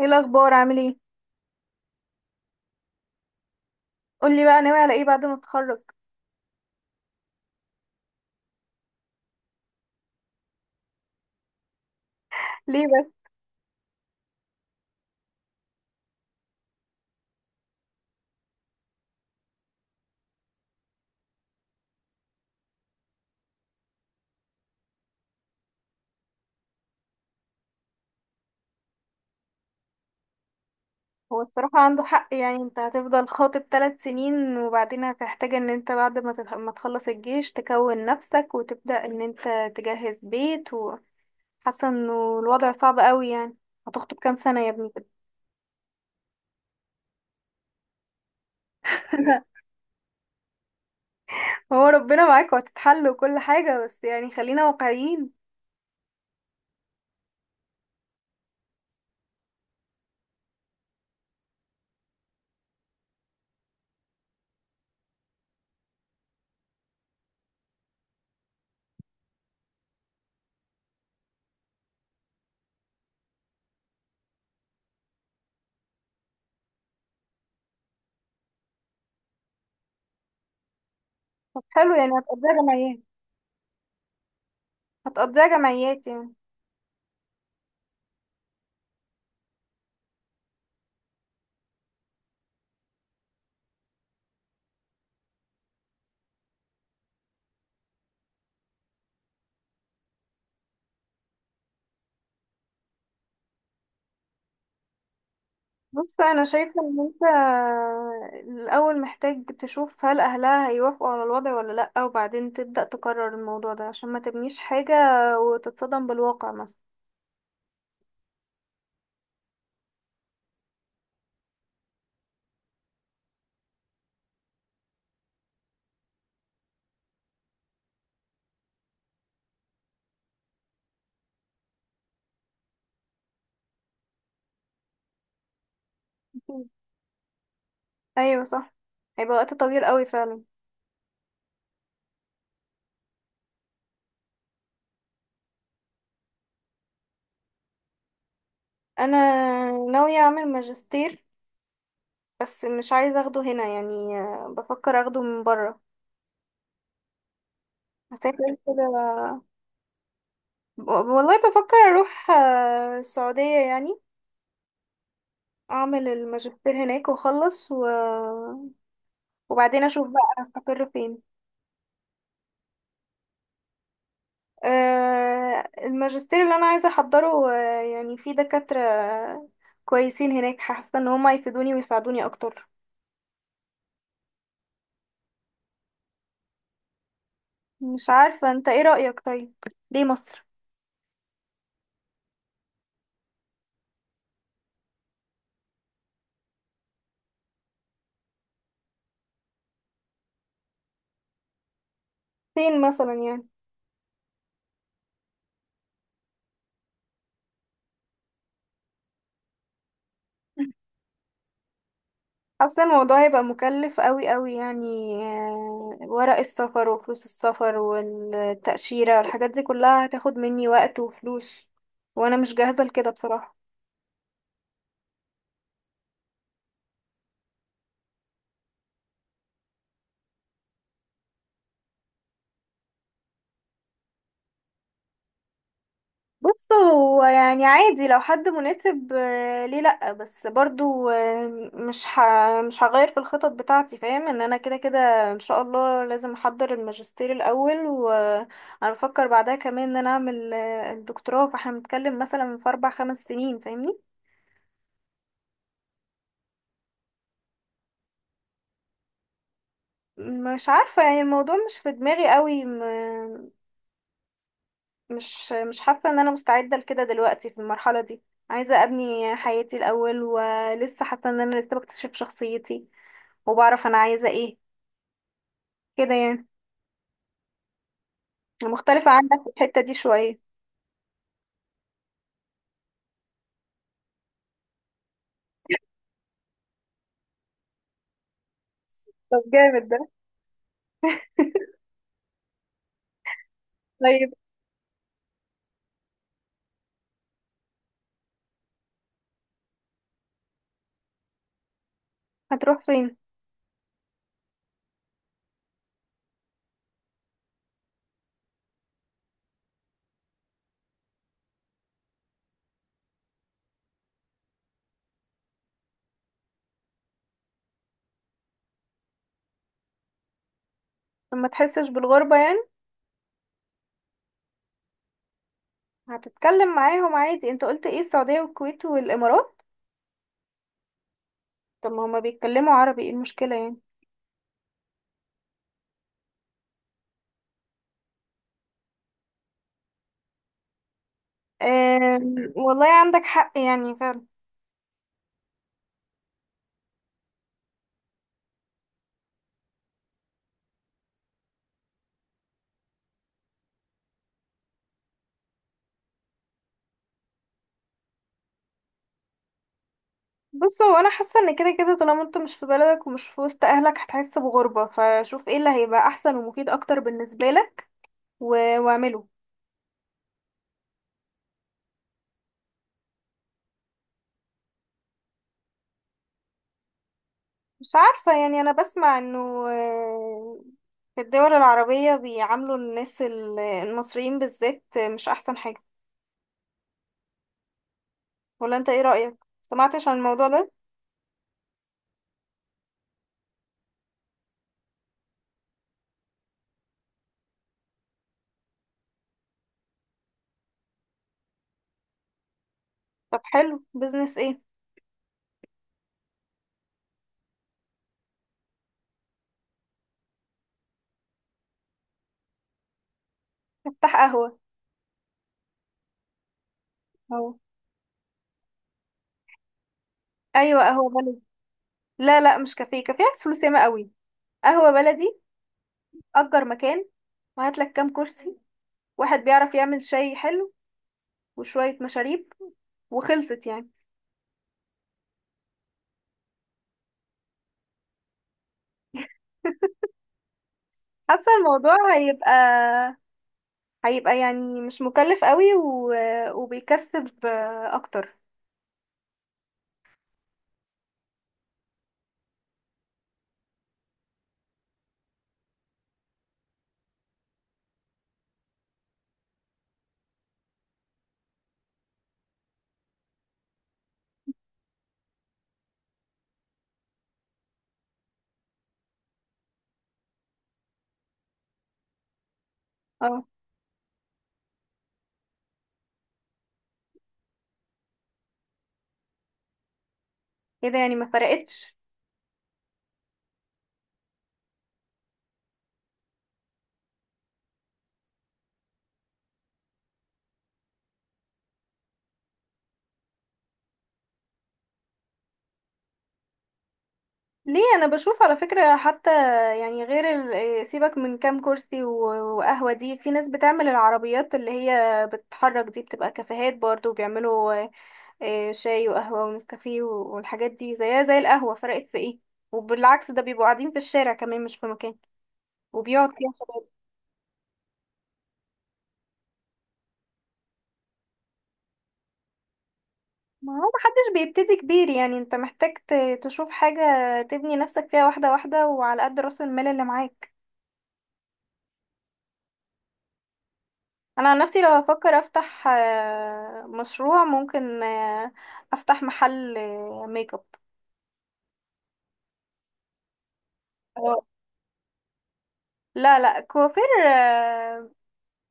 ايه الاخبار؟ عامل ايه؟ قولي بقى، ناوي على ايه بعد ما تتخرج؟ ليه بس؟ هو الصراحه عنده حق، يعني انت هتفضل خاطب 3 سنين، وبعدين هتحتاج ان انت بعد ما ما تخلص الجيش تكون نفسك وتبدا ان انت تجهز بيت وحاسه انه الوضع صعب قوي يعني. هتخطب كام سنه يا ابني كده؟ هو ربنا معاك وهتتحل وكل حاجه، بس يعني خلينا واقعيين. طب حلو، يعني هتقضيها جمعيات؟ هتقضيها جمعيات يعني؟ بص، انا شايفه ان انت الاول محتاج تشوف هل اهلها هيوافقوا على الوضع ولا لا، وبعدين تبدا تقرر الموضوع ده عشان ما تبنيش حاجه وتتصدم بالواقع مثلا. أكيد. ايوه، صح. هيبقى وقت طويل قوي فعلا. انا ناويه اعمل ماجستير، بس مش عايزه اخده هنا يعني. بفكر اخده من بره، هسافر كده. والله بفكر اروح السعوديه يعني، اعمل الماجستير هناك واخلص و. وبعدين اشوف بقى هستقر فين. الماجستير اللي انا عايزه احضره، يعني في دكاتره كويسين هناك، حاسه ان هما يفيدوني ويساعدوني اكتر. مش عارفه، انت ايه رايك؟ طيب، ليه مصر؟ فين مثلا يعني؟ حاسه الموضوع هيبقى مكلف قوي قوي يعني، ورق السفر وفلوس السفر والتاشيره والحاجات دي كلها هتاخد مني وقت وفلوس، وانا مش جاهزه لكده بصراحه. بص، هو يعني عادي لو حد مناسب، ليه لأ، بس برضو مش هغير في الخطط بتاعتي، فاهم ان انا كده كده. ان شاء الله، لازم احضر الماجستير الاول، وانا بفكر بعدها كمان ان انا اعمل الدكتوراه، فاحنا بنتكلم مثلا في 4 5 سنين، فاهمني؟ مش عارفة يعني، الموضوع مش في دماغي قوي مش حاسة ان انا مستعدة لكده دلوقتي في المرحلة دي. عايزة ابني حياتي الاول، ولسه حاسة ان انا لسه بكتشف شخصيتي، وبعرف انا عايزة ايه، كده يعني. مختلفة عنك في الحتة دي شوية. طب جامد ده! طيب، هتروح فين؟ لما تحسش بالغربة يعني؟ هتتكلم معاهم عادي، انت قلت ايه؟ السعودية والكويت والامارات. طب ما هما بيتكلموا عربي، ايه المشكلة يعني؟ والله عندك حق يعني فعلا. بص، هو انا حاسة ان كده كده طالما انت مش في بلدك ومش في وسط اهلك هتحس بغربة، فشوف ايه اللي هيبقى احسن ومفيد اكتر بالنسبة لك، واعمله. مش عارفة يعني، أنا بسمع إنه آه، في الدول العربية بيعاملوا الناس المصريين بالذات مش أحسن حاجة. ولا أنت إيه رأيك؟ سمعتش عن الموضوع ده؟ طب حلو، بيزنس إيه؟ افتح قهوة. أهو. أيوة، قهوة بلدي. لا، لا، مش كافيه. كافيه عايز فلوس ياما قوي. قهوة بلدي، أجر مكان، وهاتلك كام كرسي، واحد بيعرف يعمل شاي حلو، وشوية مشاريب، وخلصت يعني. حاسة الموضوع هيبقى يعني مش مكلف قوي، و. وبيكسب اكتر. اه، كده يعني ما فرقتش. ليه؟ انا بشوف على فكرة حتى، يعني غير سيبك من كام كرسي وقهوة، دي في ناس بتعمل العربيات اللي هي بتتحرك دي بتبقى كافيهات برضو بيعملوا شاي وقهوة ونسكافيه والحاجات دي زيها زي القهوة، فرقت في ايه؟ وبالعكس، ده بيبقوا قاعدين في الشارع كمان مش في مكان وبيقعد فيها. ما هو محدش بيبتدي كبير يعني، انت محتاج تشوف حاجة تبني نفسك فيها واحدة واحدة، وعلى قد رأس المال اللي معاك. انا عن نفسي لو افكر افتح مشروع، ممكن افتح محل ميك اب. اه، لا، لا، كوافير،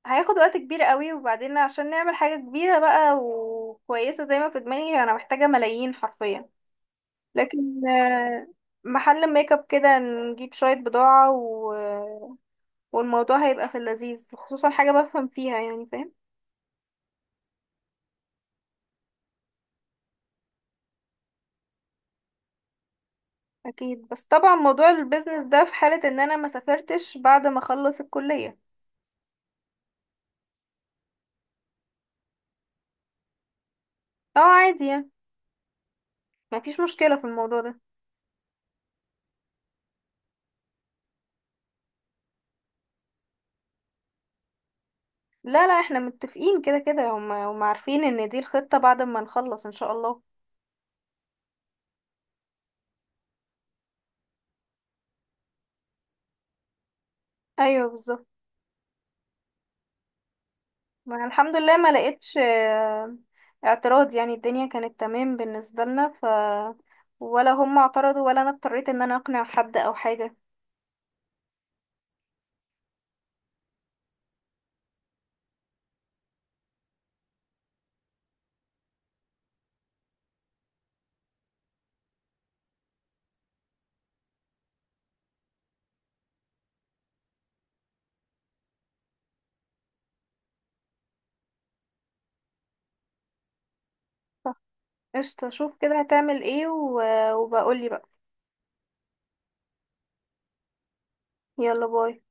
هياخد وقت كبير قوي، وبعدين عشان نعمل حاجة كبيرة بقى وكويسة زي ما في دماغي انا محتاجة ملايين حرفيا. لكن محل ميك اب كده نجيب شوية بضاعة، والموضوع هيبقى في اللذيذ، خصوصا حاجة بفهم فيها يعني، فاهم؟ اكيد، بس طبعا موضوع البيزنس ده في حالة ان انا ما سافرتش بعد ما اخلص الكلية. اه، عادي يعني، ما فيش مشكلة في الموضوع ده. لا، لا، احنا متفقين كده كده، هم عارفين ان دي الخطة بعد ما نخلص ان شاء الله. ايوه، بالظبط. ما الحمد لله ما لقيتش اعتراض، يعني الدنيا كانت تمام بالنسبة لنا. ولا هم اعترضوا ولا انا اضطريت ان انا اقنع حد او حاجة. قشطة، شوف كده هتعمل ايه، و. وبقولي بقى. يلا، باي.